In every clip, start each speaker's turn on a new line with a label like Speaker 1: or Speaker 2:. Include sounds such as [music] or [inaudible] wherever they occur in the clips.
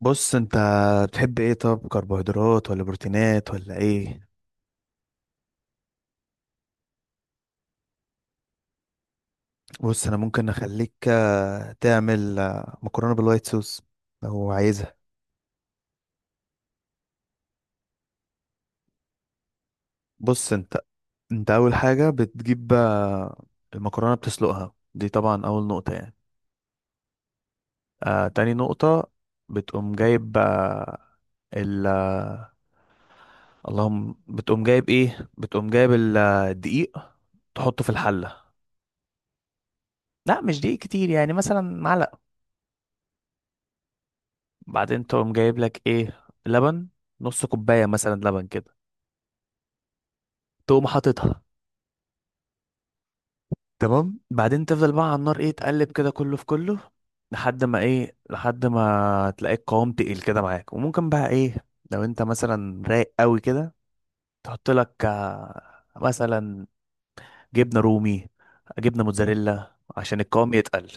Speaker 1: بص انت بتحب ايه؟ طب كربوهيدرات ولا بروتينات ولا ايه؟ بص، انا ممكن اخليك تعمل مكرونه بالوايت صوص لو عايزها. بص انت اول حاجه بتجيب المكرونه بتسلقها، دي طبعا اول نقطه يعني. تاني نقطه، بتقوم جايب آه ال آه، اللهم بتقوم جايب ايه، بتقوم جايب الدقيق تحطه في الحله. لا، مش دقيق كتير، يعني مثلا معلقه. بعدين تقوم جايب لك ايه، لبن، نص كوباية مثلا لبن كده، تقوم حاططها. تمام، بعدين تفضل بقى على النار ايه، تقلب كده كله في كله لحد ما ايه، لحد ما تلاقي القوام تقيل كده معاك. وممكن بقى ايه، لو انت مثلا رايق قوي كده تحط لك مثلا جبنة رومي، جبنة موتزاريلا، عشان القوام يتقل.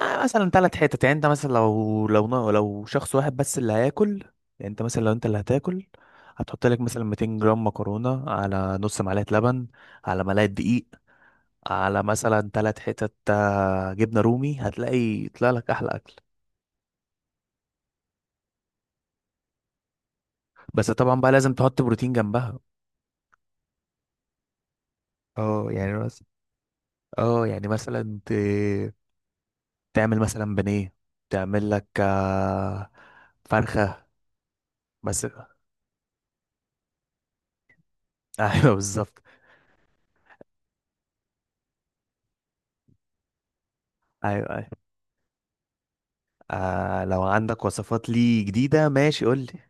Speaker 1: مثلا ثلاث حتت، يعني انت مثلا لو شخص واحد بس اللي هياكل، يعني انت مثلا لو انت اللي هتاكل، هتحط لك مثلا 200 جرام مكرونة على نص معلقة لبن، على ملعقة دقيق، على مثلا ثلاث حتت جبنة رومي، هتلاقي يطلع لك احلى اكل. بس طبعا بقى لازم تحط بروتين جنبها. اه، يعني مثلا، اه يعني مثلا ت... تعمل مثلا بانيه، تعمل لك فرخة بس. [laughs] ايوه بالظبط. ايوه أيوه. آه لو عندك وصفات لي جديدة ماشي قولي.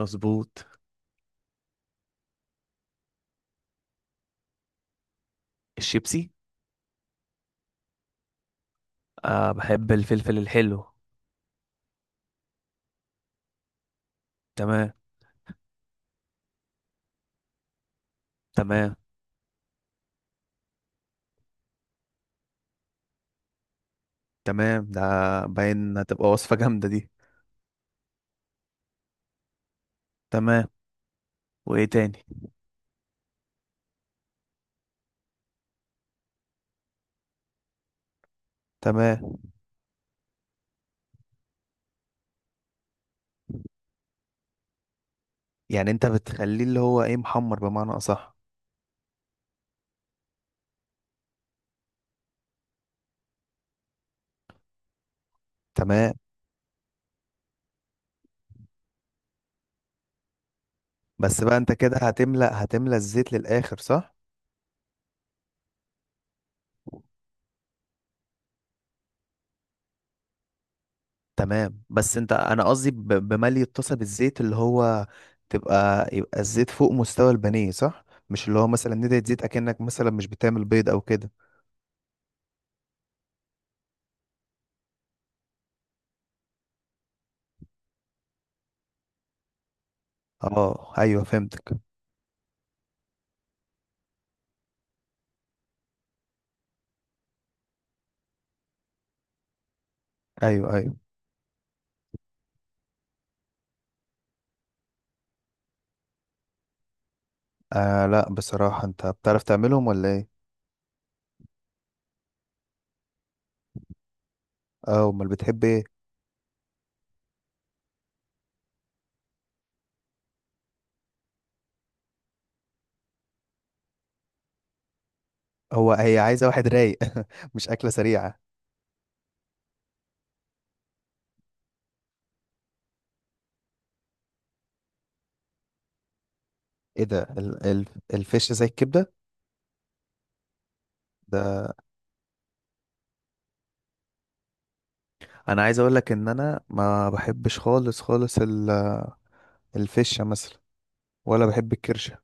Speaker 1: مظبوط. الشيبسي. آه بحب الفلفل الحلو. تمام. تمام. تمام. ده باين هتبقى وصفة جامدة دي. تمام. وايه تاني؟ تمام. يعني انت بتخليه اللي هو ايه، محمر بمعنى اصح. تمام بس بقى، انت كده هتملأ الزيت للآخر صح؟ تمام، بس انت انا قصدي ب- بملي الطاسه بالزيت، اللي هو تبقى الزيت فوق مستوى البانيه صح؟ مش اللي هو مثلا ندعي زيت اكنك مثلا مش بتعمل بيض او كده. اه ايوه فهمتك. ايوه ايوه. آه لا بصراحه، انت بتعرف تعملهم ولا ايه؟ اه امال بتحب ايه؟ هو هي عايزه واحد رايق. [laughs] مش اكله سريعه. ايه ده؟ ال الفش زي الكبده ده؟ انا عايز اقول لك ان انا ما بحبش خالص خالص الفشه مثلا، ولا بحب الكرشه.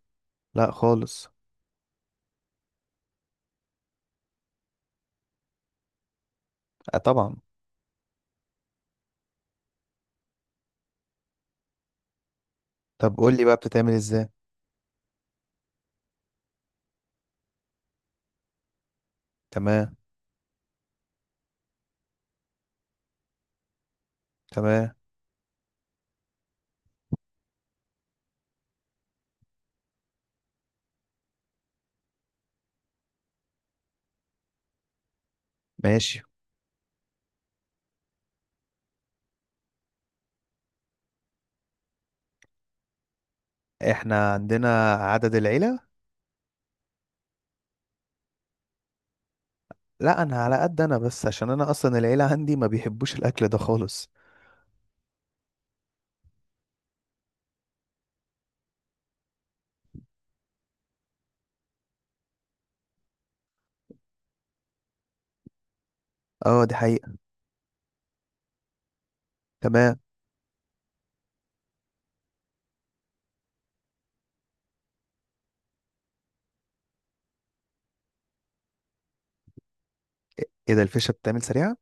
Speaker 1: لا خالص. آه طبعا. طب قول لي بقى، بتتعمل ازاي؟ تمام. تمام. ماشي. احنا عندنا عدد العيلة. لا، انا على قد انا بس، عشان انا اصلا العيلة عندي ما بيحبوش الاكل ده خالص. اه دي حقيقة. تمام. ايه ده، الفشة بتتعمل سريعة؟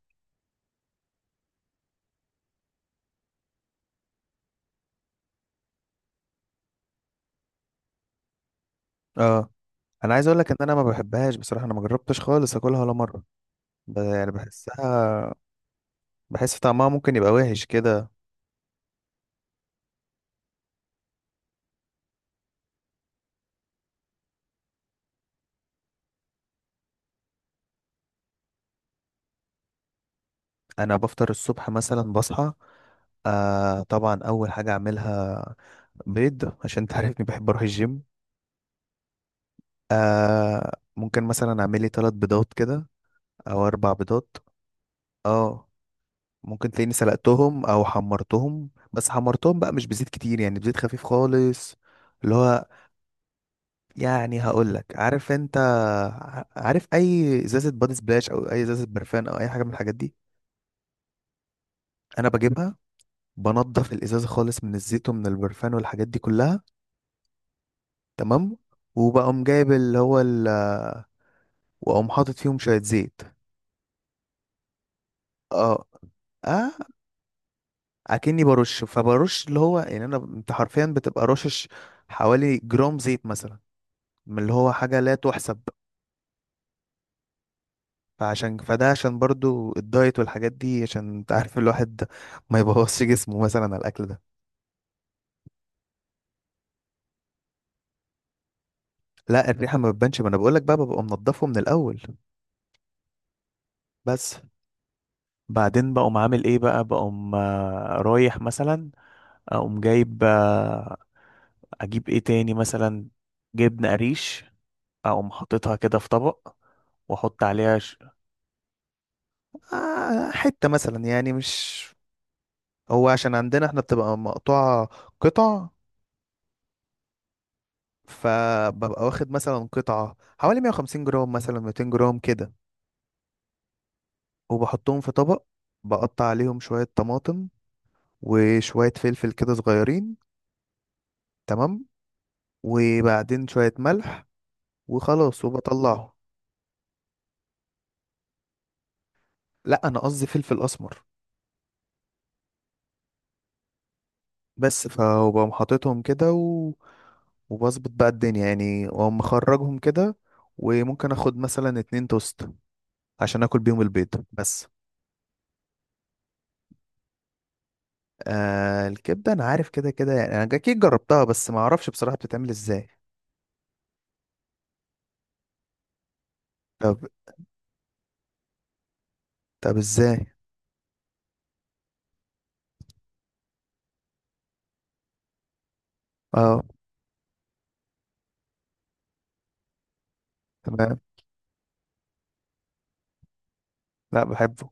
Speaker 1: اه. انا عايز اقول لك ان انا ما بحبهاش بصراحة، انا ما جربتش خالص اكلها ولا مرة. يعني بحسها، بحس طعمها ممكن يبقى وحش كده. انا بفطر الصبح مثلا، بصحى طبعا اول حاجة اعملها بيض، عشان تعرفني بحب اروح الجيم. آه ممكن مثلا اعمل لي ثلاث بيضات كده، او اربع بيضات. اه. ممكن تلاقيني سلقتهم او حمرتهم، بس حمرتهم بقى مش بزيت كتير، يعني بزيت خفيف خالص. اللي هو يعني هقول لك، عارف انت عارف اي ازازه بادي سبلاش او اي ازازه برفان او اي حاجه من الحاجات دي، انا بجيبها، بنضف الازازه خالص من الزيت ومن البرفان والحاجات دي كلها. تمام، وبقوم جايب اللي هو ال... واقوم حاطط فيهم شويه زيت. اه اه، اكني برش، فبرش اللي هو يعني انا انت حرفيا بتبقى رشش، حوالي جرام زيت مثلا، من اللي هو حاجه لا تحسب. فعشان فده عشان برضو الدايت والحاجات دي، عشان انت عارف الواحد ما يبوظش جسمه مثلا على الاكل ده. لا الريحه ما بتبانش، ما انا بقول لك بقى ببقى منضفه من الاول. بس بعدين بقوم عامل ايه بقى، بقوم رايح مثلا، اقوم جايب اجيب ايه تاني مثلا، جبنه قريش، اقوم حاططها كده في طبق واحط عليها حتة مثلا يعني، مش هو عشان عندنا احنا بتبقى مقطوعة قطع، فببقى واخد مثلا قطعة حوالي 150 جرام مثلا 200 جرام كده، وبحطهم في طبق، بقطع عليهم شوية طماطم وشوية فلفل كده صغيرين. تمام. وبعدين شوية ملح وخلاص وبطلعه. لا انا قصدي فلفل اسمر. بس فبقوم حاططهم كده و... وبظبط بقى الدنيا يعني، واقوم مخرجهم كده، وممكن اخد مثلا اتنين توست عشان اكل بيهم البيض بس. آه الكبده انا عارف كده كده يعني، انا اكيد جربتها بس ما اعرفش بصراحه بتتعمل ازاي. طب. طب ازاي؟ اه. تمام. لا بحبه.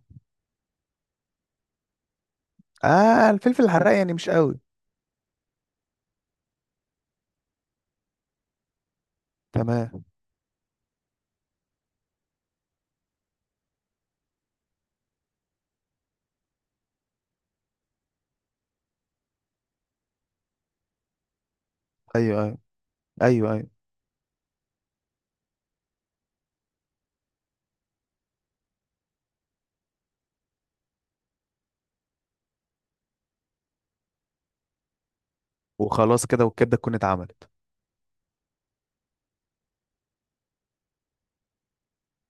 Speaker 1: اه الفلفل الحراق يعني مش قوي. تمام. ايوه ايوه. ايوه ايوه. وخلاص كده والكبده تكون اتعملت.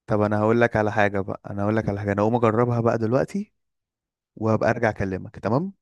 Speaker 1: طب انا هقول لك على حاجه بقى، انا هقول لك على حاجه، انا هقوم اجربها بقى دلوقتي وهبقى ارجع اكلمك. تمام.